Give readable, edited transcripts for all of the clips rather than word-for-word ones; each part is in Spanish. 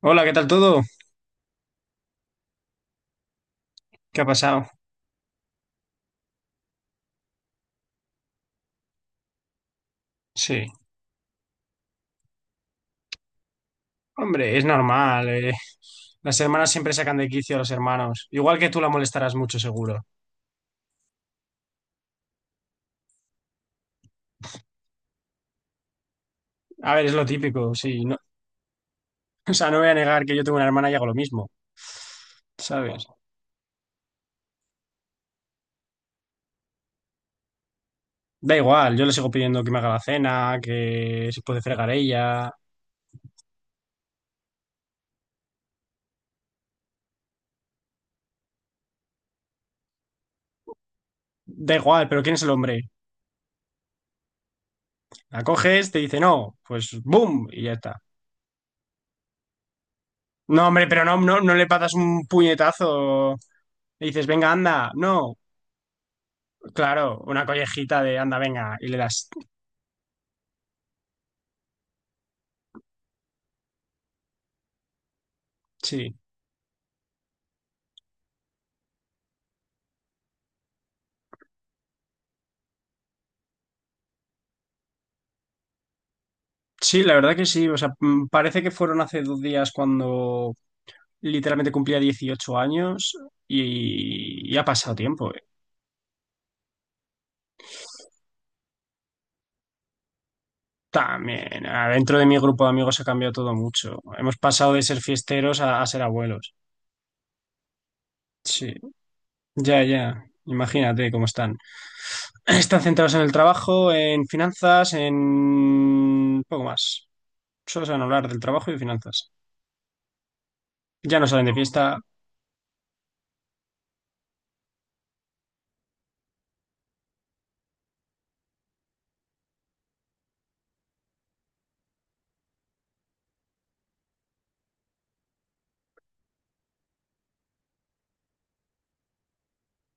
Hola, ¿qué tal todo? ¿Qué ha pasado? Sí. Hombre, es normal. Las hermanas siempre sacan de quicio a los hermanos. Igual que tú la molestarás mucho, seguro. A ver, es lo típico, sí. No, o sea, no voy a negar que yo tengo una hermana y hago lo mismo, ¿sabes? Da igual, yo le sigo pidiendo que me haga la cena, que se puede fregar ella. Da igual, pero ¿quién es el hombre? La coges, te dice no, pues ¡boom! Y ya está. No, hombre, pero no, no, no le patas un puñetazo. Le dices, venga, anda. No. Claro, una collejita de anda, venga, y le das. Sí, sí, la verdad que sí. O sea, parece que fueron hace 2 días cuando literalmente cumplía 18 años y ha pasado tiempo. También, ah, dentro de mi grupo de amigos ha cambiado todo mucho. Hemos pasado de ser fiesteros a ser abuelos. Sí, ya, ya. Imagínate cómo están. Están centrados en el trabajo, en finanzas, en poco más. Solo saben hablar del trabajo y de finanzas. Ya no salen de fiesta.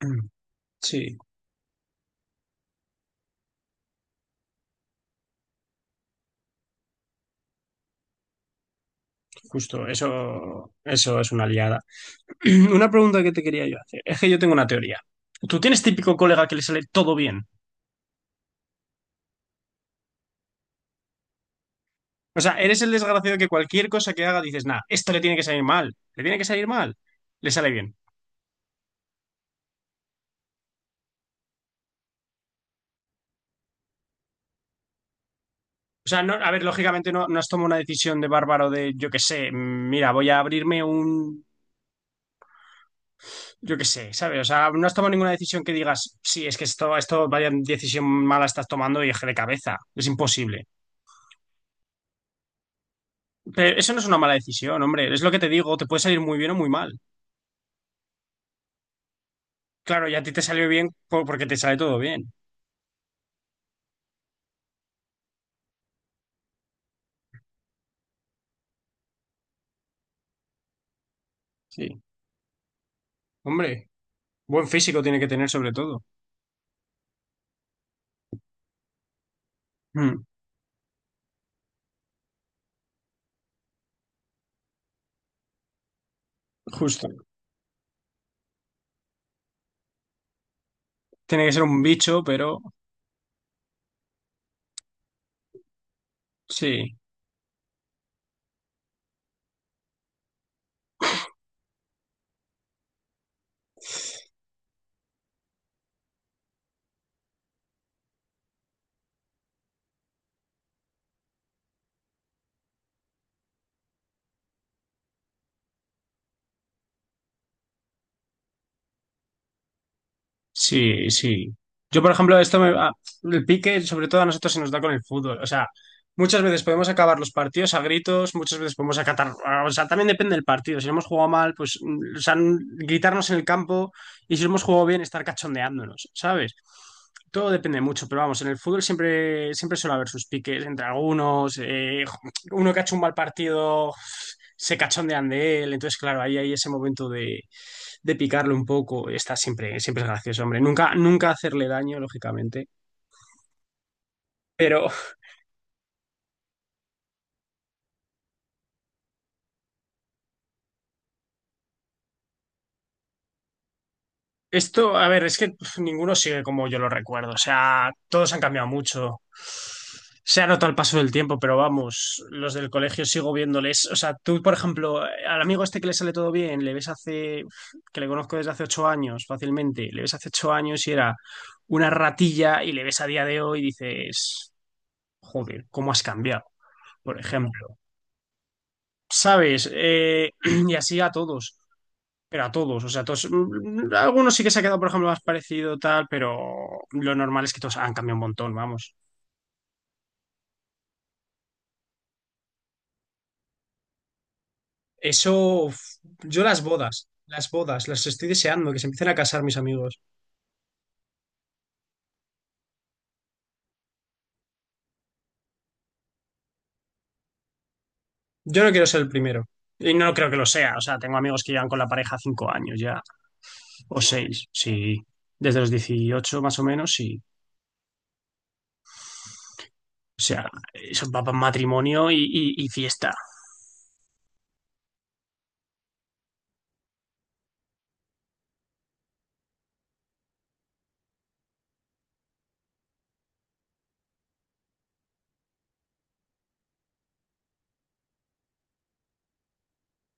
Sí. Justo, eso es una liada. Una pregunta que te quería yo hacer. Es que yo tengo una teoría. Tú tienes típico colega que le sale todo bien. O sea, eres el desgraciado que cualquier cosa que haga dices, nah, esto le tiene que salir mal, le tiene que salir mal, le sale bien. O sea, no, a ver, lógicamente no, no has tomado una decisión de bárbaro de, yo qué sé, mira, voy a abrirme un, yo qué sé, ¿sabes? O sea, no has tomado ninguna decisión que digas, sí, es que esto, vaya decisión mala estás tomando y eje de cabeza. Es imposible. Pero eso no es una mala decisión, hombre. Es lo que te digo, te puede salir muy bien o muy mal. Claro, y a ti te salió bien porque te sale todo bien. Sí. Hombre, buen físico tiene que tener sobre todo. Mm, justo. Tiene que ser un bicho, pero sí, sí, sí. Yo, por ejemplo, el pique, sobre todo a nosotros se nos da con el fútbol. O sea, muchas veces podemos acabar los partidos a gritos, muchas veces podemos acatar... ah, O sea, también depende del partido. Si hemos jugado mal, pues, o sea, gritarnos en el campo y si hemos jugado bien, estar cachondeándonos, ¿sabes? Todo depende mucho, pero vamos, en el fútbol siempre, siempre suele haber sus piques entre algunos, uno que ha hecho un mal partido se cachondean de él, entonces claro, ahí hay ese momento de picarlo un poco, está siempre, siempre es gracioso, hombre, nunca, nunca hacerle daño, lógicamente, pero, esto, a ver, es que ninguno sigue como yo lo recuerdo. O sea, todos han cambiado mucho. Se ha notado el paso del tiempo, pero vamos, los del colegio sigo viéndoles. O sea, tú, por ejemplo, al amigo este que le sale todo bien, le ves hace, que le conozco desde hace 8 años fácilmente, le ves hace 8 años y era una ratilla y le ves a día de hoy y dices, joder, ¿cómo has cambiado? Por ejemplo, ¿sabes? Y así a todos. Pero a todos, o sea, todos, algunos sí que se ha quedado, por ejemplo, más parecido tal, pero lo normal es que todos han cambiado un montón, vamos. Eso, uf, yo las bodas, las bodas, las estoy deseando, que se empiecen a casar mis amigos. Yo no quiero ser el primero. Y no creo que lo sea, o sea, tengo amigos que llevan con la pareja 5 años ya, o seis, sí. Desde los 18 más o menos, sí. O sea, eso va para matrimonio y fiesta.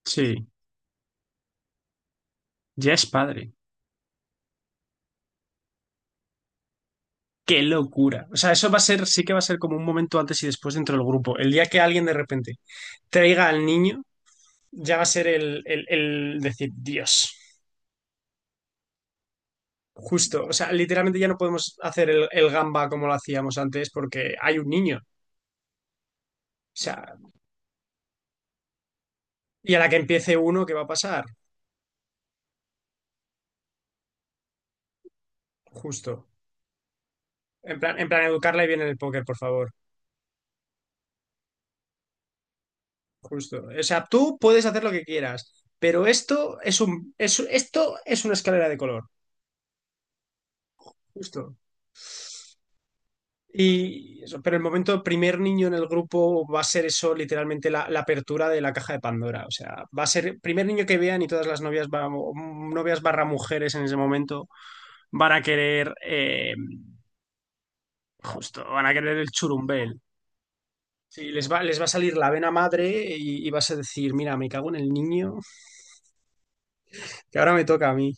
Sí, ya es padre. Qué locura. O sea, eso va a ser, sí que va a ser como un momento antes y después dentro del grupo. El día que alguien de repente traiga al niño, ya va a ser el decir, Dios, justo. O sea, literalmente ya no podemos hacer el gamba como lo hacíamos antes porque hay un niño. O sea, y a la que empiece uno, ¿qué va a pasar? Justo. En plan, educarla y bien en el póker, por favor. Justo. O sea, tú puedes hacer lo que quieras, pero esto es una escalera de color. Justo. Y eso, pero el momento primer niño en el grupo va a ser eso, literalmente la apertura de la caja de Pandora. O sea, va a ser primer niño que vean y todas las novias, novias barra mujeres en ese momento van a querer, justo, van a querer el churumbel. Sí, les va a salir la vena madre y vas a decir, mira, me cago en el niño, que ahora me toca a mí.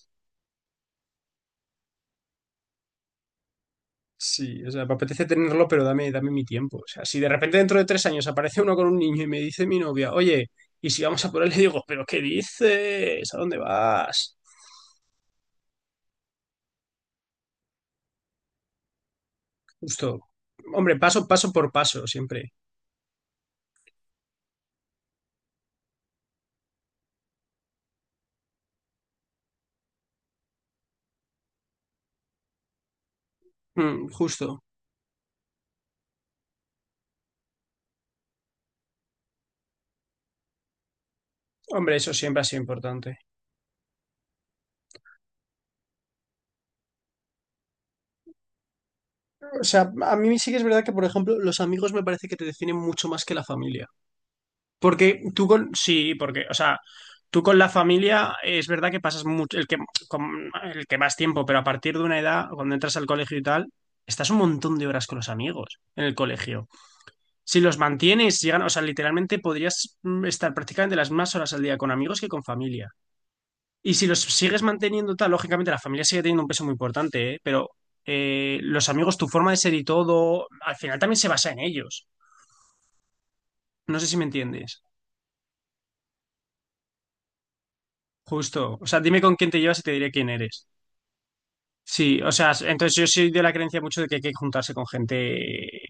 Sí, o sea, me apetece tenerlo, pero dame, dame mi tiempo. O sea, si de repente dentro de 3 años aparece uno con un niño y me dice mi novia, oye, y si vamos a por él, le digo, ¿pero qué dices? ¿A dónde vas? Justo. Hombre, paso, paso por paso, siempre. Mm, justo. Hombre, eso siempre ha sido importante. O sea, a mí sí que es verdad que, por ejemplo, los amigos me parece que te definen mucho más que la familia. Porque tú con, sí, porque, o sea, tú con la familia es verdad que pasas mucho, el que, el que más tiempo, pero a partir de una edad, cuando entras al colegio y tal, estás un montón de horas con los amigos en el colegio. Si los mantienes, si llegan, o sea, literalmente podrías estar prácticamente las más horas al día con amigos que con familia. Y si los sigues manteniendo tal, lógicamente la familia sigue teniendo un peso muy importante, ¿eh? Pero los amigos, tu forma de ser y todo, al final también se basa en ellos. No sé si me entiendes. Justo. O sea, dime con quién te llevas y te diré quién eres. Sí, o sea, entonces yo soy de la creencia mucho de que hay que juntarse con gente,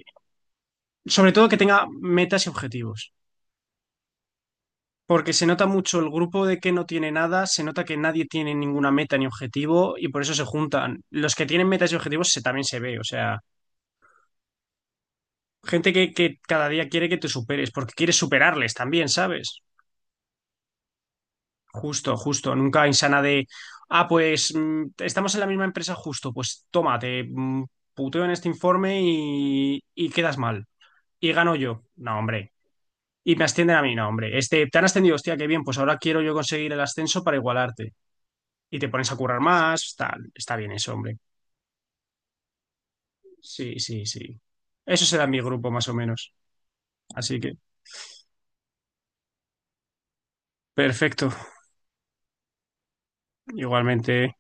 sobre todo que tenga metas y objetivos, porque se nota mucho el grupo de que no tiene nada, se nota que nadie tiene ninguna meta ni objetivo y por eso se juntan. Los que tienen metas y objetivos también se ve, o sea, gente que, cada día quiere que te superes, porque quieres superarles también, ¿sabes? Justo, justo, nunca insana de, pues estamos en la misma empresa justo, pues tómate, puteo en este informe y quedas mal. Y gano yo. No, hombre. Y me ascienden a mí, no, hombre. Este, te han ascendido, hostia, qué bien, pues ahora quiero yo conseguir el ascenso para igualarte. Y te pones a currar más, tal. Está bien eso, hombre. Sí, sí, sí. Eso será mi grupo, más o menos. Así que, perfecto. Igualmente.